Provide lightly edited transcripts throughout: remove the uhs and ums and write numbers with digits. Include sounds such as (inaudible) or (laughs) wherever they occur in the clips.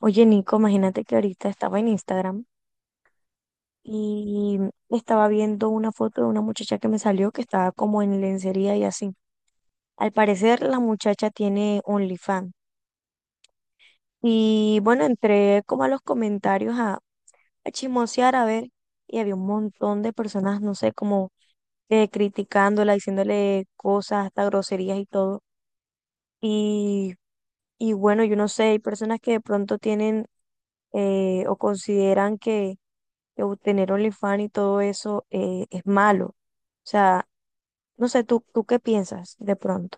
Oye, Nico, imagínate que ahorita estaba en Instagram y estaba viendo una foto de una muchacha que me salió que estaba como en lencería y así. Al parecer, la muchacha tiene OnlyFans. Y bueno, entré como a los comentarios a chismosear, a ver, y había un montón de personas, no sé, como criticándola, diciéndole cosas, hasta groserías y todo. Y, y bueno, yo no sé, hay personas que de pronto tienen o consideran que o tener OnlyFans y todo eso es malo. O sea, no sé, ¿tú qué piensas de pronto?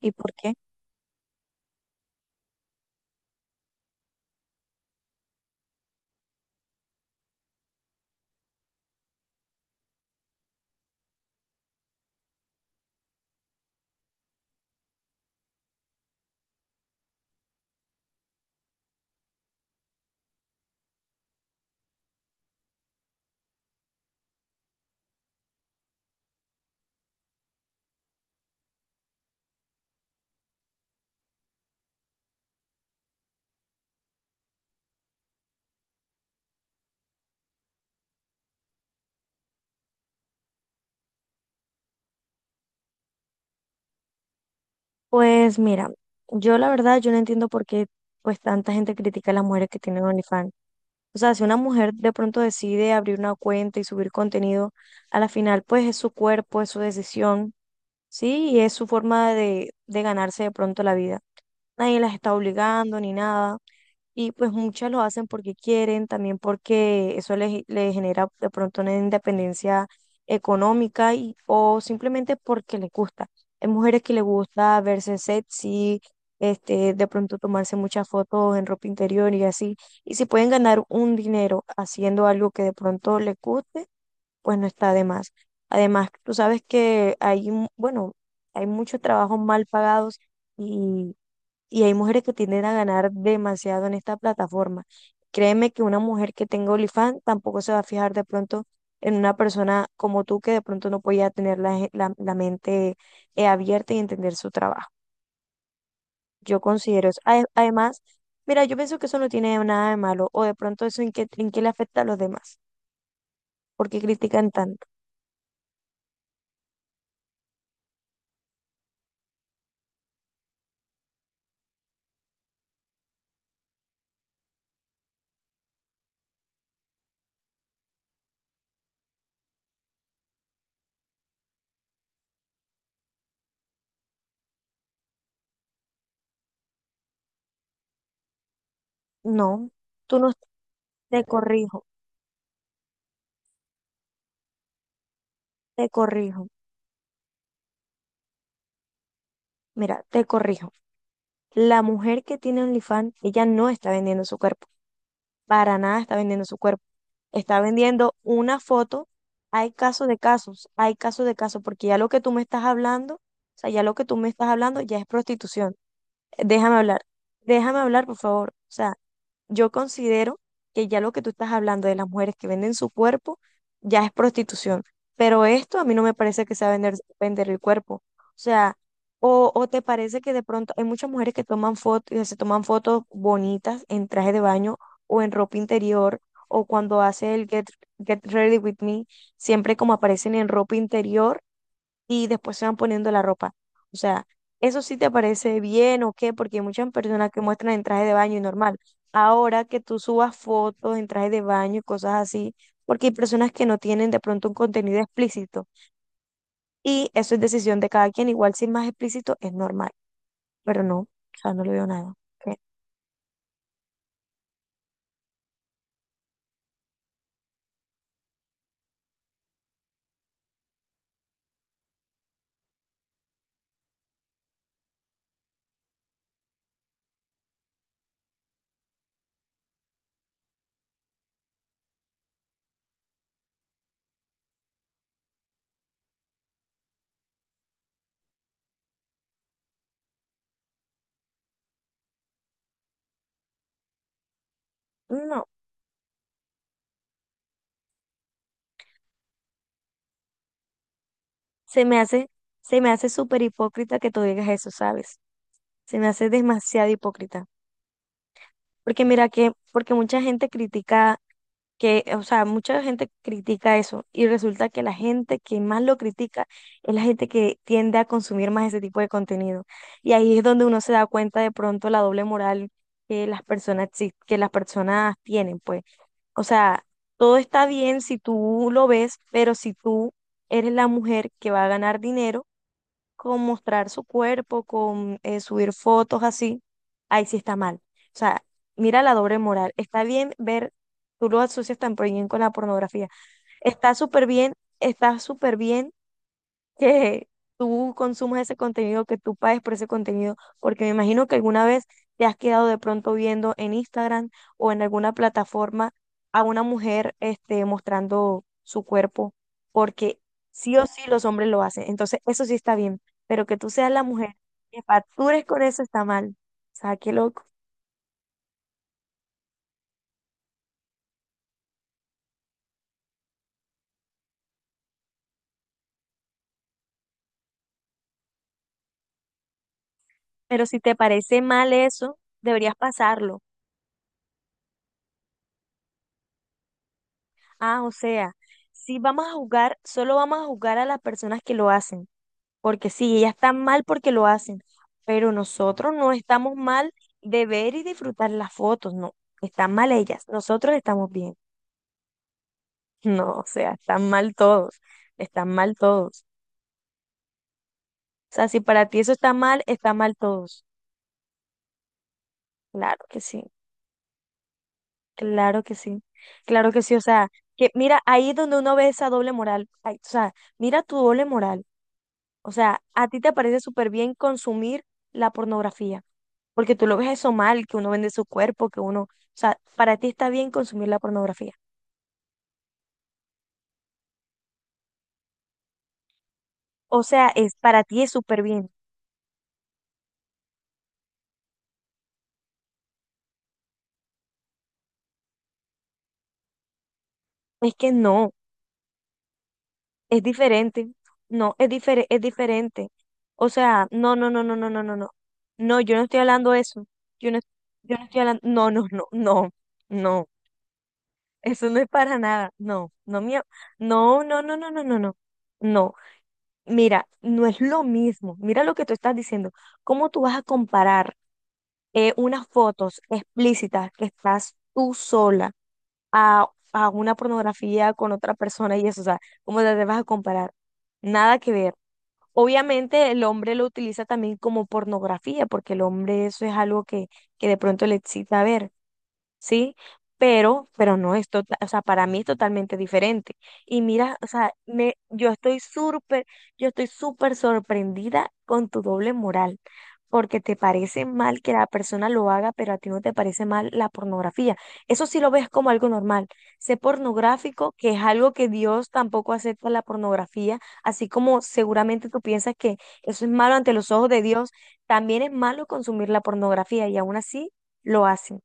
¿Y por qué? Pues mira, yo la verdad, yo no entiendo por qué pues tanta gente critica a las mujeres que tienen OnlyFans. O sea, si una mujer de pronto decide abrir una cuenta y subir contenido, a la final pues es su cuerpo, es su decisión, ¿sí? Y es su forma de ganarse de pronto la vida. Nadie las está obligando ni nada. Y pues muchas lo hacen porque quieren, también porque eso les genera de pronto una independencia económica y, o simplemente porque les gusta. Hay mujeres que les gusta verse sexy, este, de pronto tomarse muchas fotos en ropa interior y así. Y si pueden ganar un dinero haciendo algo que de pronto les guste, pues no está de más. Además, tú sabes que hay, bueno, hay muchos trabajos mal pagados y hay mujeres que tienden a ganar demasiado en esta plataforma. Créeme que una mujer que tenga OnlyFans tampoco se va a fijar de pronto en una persona como tú que de pronto no podía tener la mente abierta y entender su trabajo. Yo considero eso. Además, mira, yo pienso que eso no tiene nada de malo o de pronto eso en qué le afecta a los demás. ¿Por qué critican tanto? No, tú no, te corrijo, te corrijo. Mira, te corrijo. La mujer que tiene OnlyFans, ella no está vendiendo su cuerpo. Para nada está vendiendo su cuerpo. Está vendiendo una foto. Hay casos de casos, hay casos de casos, porque ya lo que tú me estás hablando, o sea, ya lo que tú me estás hablando ya es prostitución. Déjame hablar, déjame hablar, por favor. O sea, yo considero que ya lo que tú estás hablando de las mujeres que venden su cuerpo ya es prostitución, pero esto a mí no me parece que sea vender, vender el cuerpo. O sea, o te parece que de pronto hay muchas mujeres que toman fotos, se toman fotos bonitas en traje de baño o en ropa interior, o cuando hace el Get Ready With Me, siempre como aparecen en ropa interior y después se van poniendo la ropa. O sea, ¿eso sí te parece bien o qué? Porque hay muchas personas que muestran en traje de baño y normal. Ahora que tú subas fotos en traje de baño y cosas así, porque hay personas que no tienen de pronto un contenido explícito. Y eso es decisión de cada quien. Igual si es más explícito es normal. Pero no, o sea, no le veo nada. ¿Qué? No, se me hace, se me hace súper hipócrita que tú digas eso, ¿sabes? Se me hace demasiado hipócrita. Porque mucha gente critica que, o sea, mucha gente critica eso y resulta que la gente que más lo critica es la gente que tiende a consumir más ese tipo de contenido. Y ahí es donde uno se da cuenta de pronto la doble moral que las personas tienen, pues. O sea, todo está bien si tú lo ves, pero si tú eres la mujer que va a ganar dinero, con mostrar su cuerpo, con subir fotos así, ahí sí está mal. O sea, mira la doble moral. Está bien ver, tú lo asocias tan bien con la pornografía. Está súper bien, está súper bien que tú consumas ese contenido, que tú pagues por ese contenido, porque me imagino que alguna vez te has quedado de pronto viendo en Instagram o en alguna plataforma a una mujer este, mostrando su cuerpo, porque sí o sí los hombres lo hacen. Entonces, eso sí está bien, pero que tú seas la mujer que factures con eso está mal. O sea, qué loco. Pero si te parece mal eso, deberías pasarlo. Ah, o sea, si vamos a jugar, solo vamos a jugar a las personas que lo hacen. Porque sí, ellas están mal porque lo hacen, pero nosotros no estamos mal de ver y disfrutar las fotos, no, están mal ellas, nosotros estamos bien. (laughs) No, o sea, están mal todos, están mal todos. O sea, si para ti eso está mal todos. Claro que sí, claro que sí, claro que sí. O sea, que mira, ahí es donde uno ve esa doble moral. Ay, o sea, mira tu doble moral. O sea, a ti te parece súper bien consumir la pornografía. Porque tú lo ves eso mal, que uno vende su cuerpo, o sea, para ti está bien consumir la pornografía. O sea, para ti es súper bien. Es que no, es diferente. No, es diferente. O sea, no. No, yo no estoy hablando de eso. Yo no, yo no estoy hablando, no. Eso no es para nada. No, no, mío. No, No, mira, no es lo mismo. Mira lo que tú estás diciendo. ¿Cómo tú vas a comparar? Unas fotos explícitas que estás tú sola a, a una pornografía con otra persona y eso, o sea, ¿cómo te vas a comparar? Nada que ver. Obviamente el hombre lo utiliza también como pornografía, porque el hombre eso es algo que de pronto le excita ver. ¿Sí? Pero no es total, o sea, para mí es totalmente diferente. Y mira, o sea, yo estoy súper sorprendida con tu doble moral, porque te parece mal que la persona lo haga, pero a ti no te parece mal la pornografía. Eso sí lo ves como algo normal. Sé pornográfico, que es algo que Dios tampoco acepta la pornografía, así como seguramente tú piensas que eso es malo ante los ojos de Dios, también es malo consumir la pornografía y aún así lo hacen.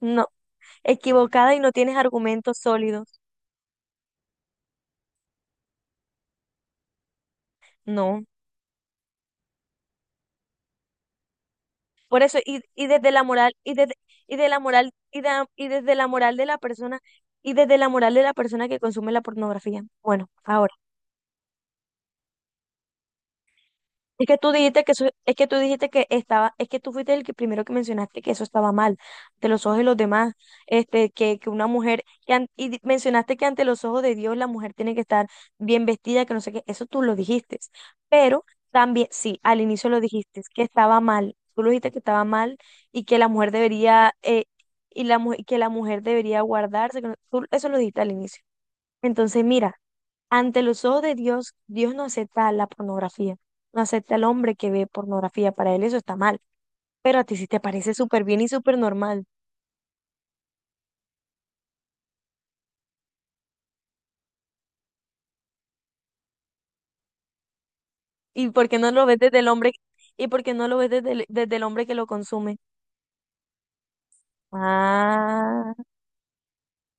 No, equivocada y no tienes argumentos sólidos. No. Por eso, y desde la moral, y desde, y de la moral, y, da- y desde la moral de la persona, y desde la moral de la persona que consume la pornografía. Bueno, ahora. Es que tú dijiste que estaba, es que tú fuiste el que primero que mencionaste que eso estaba mal, ante los ojos de los demás, que una mujer, que an- y di- mencionaste que ante los ojos de Dios la mujer tiene que estar bien vestida, que no sé qué, eso tú lo dijiste, pero también, sí, al inicio lo dijiste, que estaba mal, tú lo dijiste que estaba mal y que la mujer debería, que la mujer debería guardarse, que no- tú- eso lo dijiste al inicio. Entonces, mira. Ante los ojos de Dios, Dios no acepta la pornografía, no acepta al hombre que ve pornografía, para él eso está mal, pero a ti sí te parece súper bien y súper normal. ¿Y por qué no lo ves desde el hombre? ¿Y por qué no lo ves desde el hombre que lo consume? Ah,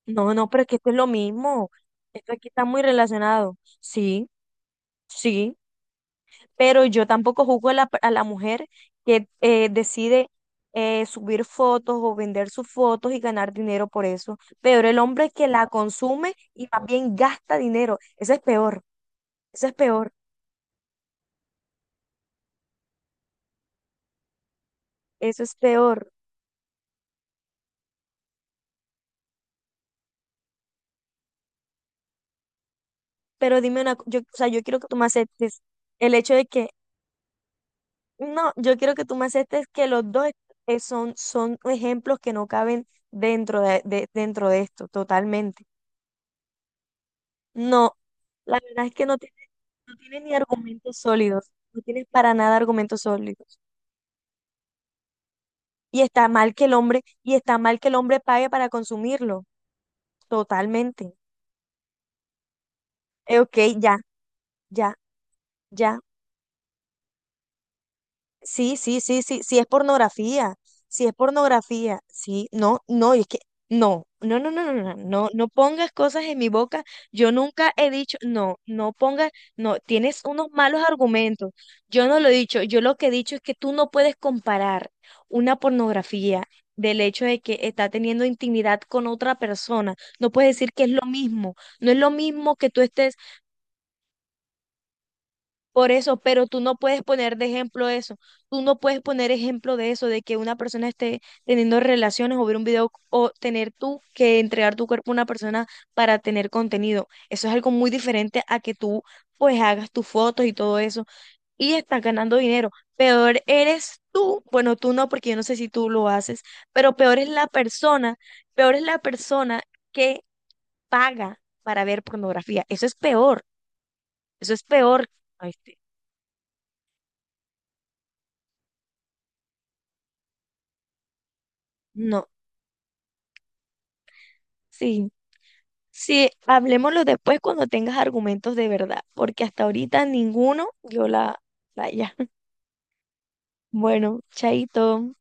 no, no, pero es que esto es lo mismo. Esto aquí está muy relacionado. Sí, sí. Pero yo tampoco juzgo a a la mujer que decide subir fotos o vender sus fotos y ganar dinero por eso. Peor el hombre que la consume y más bien gasta dinero. Eso es peor, eso es peor, eso es peor. Pero dime una, o sea, yo quiero que tú me aceptes el hecho de que, no, yo quiero que tú me aceptes que los dos son, son ejemplos que no caben dentro dentro de esto, totalmente. No, la verdad es que no. No tienes ni argumentos sólidos, no tienes para nada argumentos sólidos. Y está mal que el hombre, y está mal que el hombre pague para consumirlo, totalmente. Ok, ya, ya, ya. Sí, sí, sí, sí, sí es pornografía, sí es pornografía, sí, no, no, y es que no pongas cosas en mi boca, yo nunca he dicho, no, no pongas, no, tienes unos malos argumentos, yo no lo he dicho, yo lo que he dicho es que tú no puedes comparar una pornografía del hecho de que está teniendo intimidad con otra persona, no puedes decir que es lo mismo, no es lo mismo que tú estés por eso, pero tú no puedes poner de ejemplo eso. Tú no puedes poner ejemplo de eso, de que una persona esté teniendo relaciones o ver un video o tener tú que entregar tu cuerpo a una persona para tener contenido. Eso es algo muy diferente a que tú pues hagas tus fotos y todo eso y estás ganando dinero. Peor eres tú, bueno, tú no, porque yo no sé si tú lo haces, pero peor es la persona, peor es la persona que paga para ver pornografía. Eso es peor, eso es peor. Ay, sí. No. Sí, sí, hablemoslo después cuando tengas argumentos de verdad, porque hasta ahorita ninguno yo la... Vaya. (laughs) Bueno, chaito.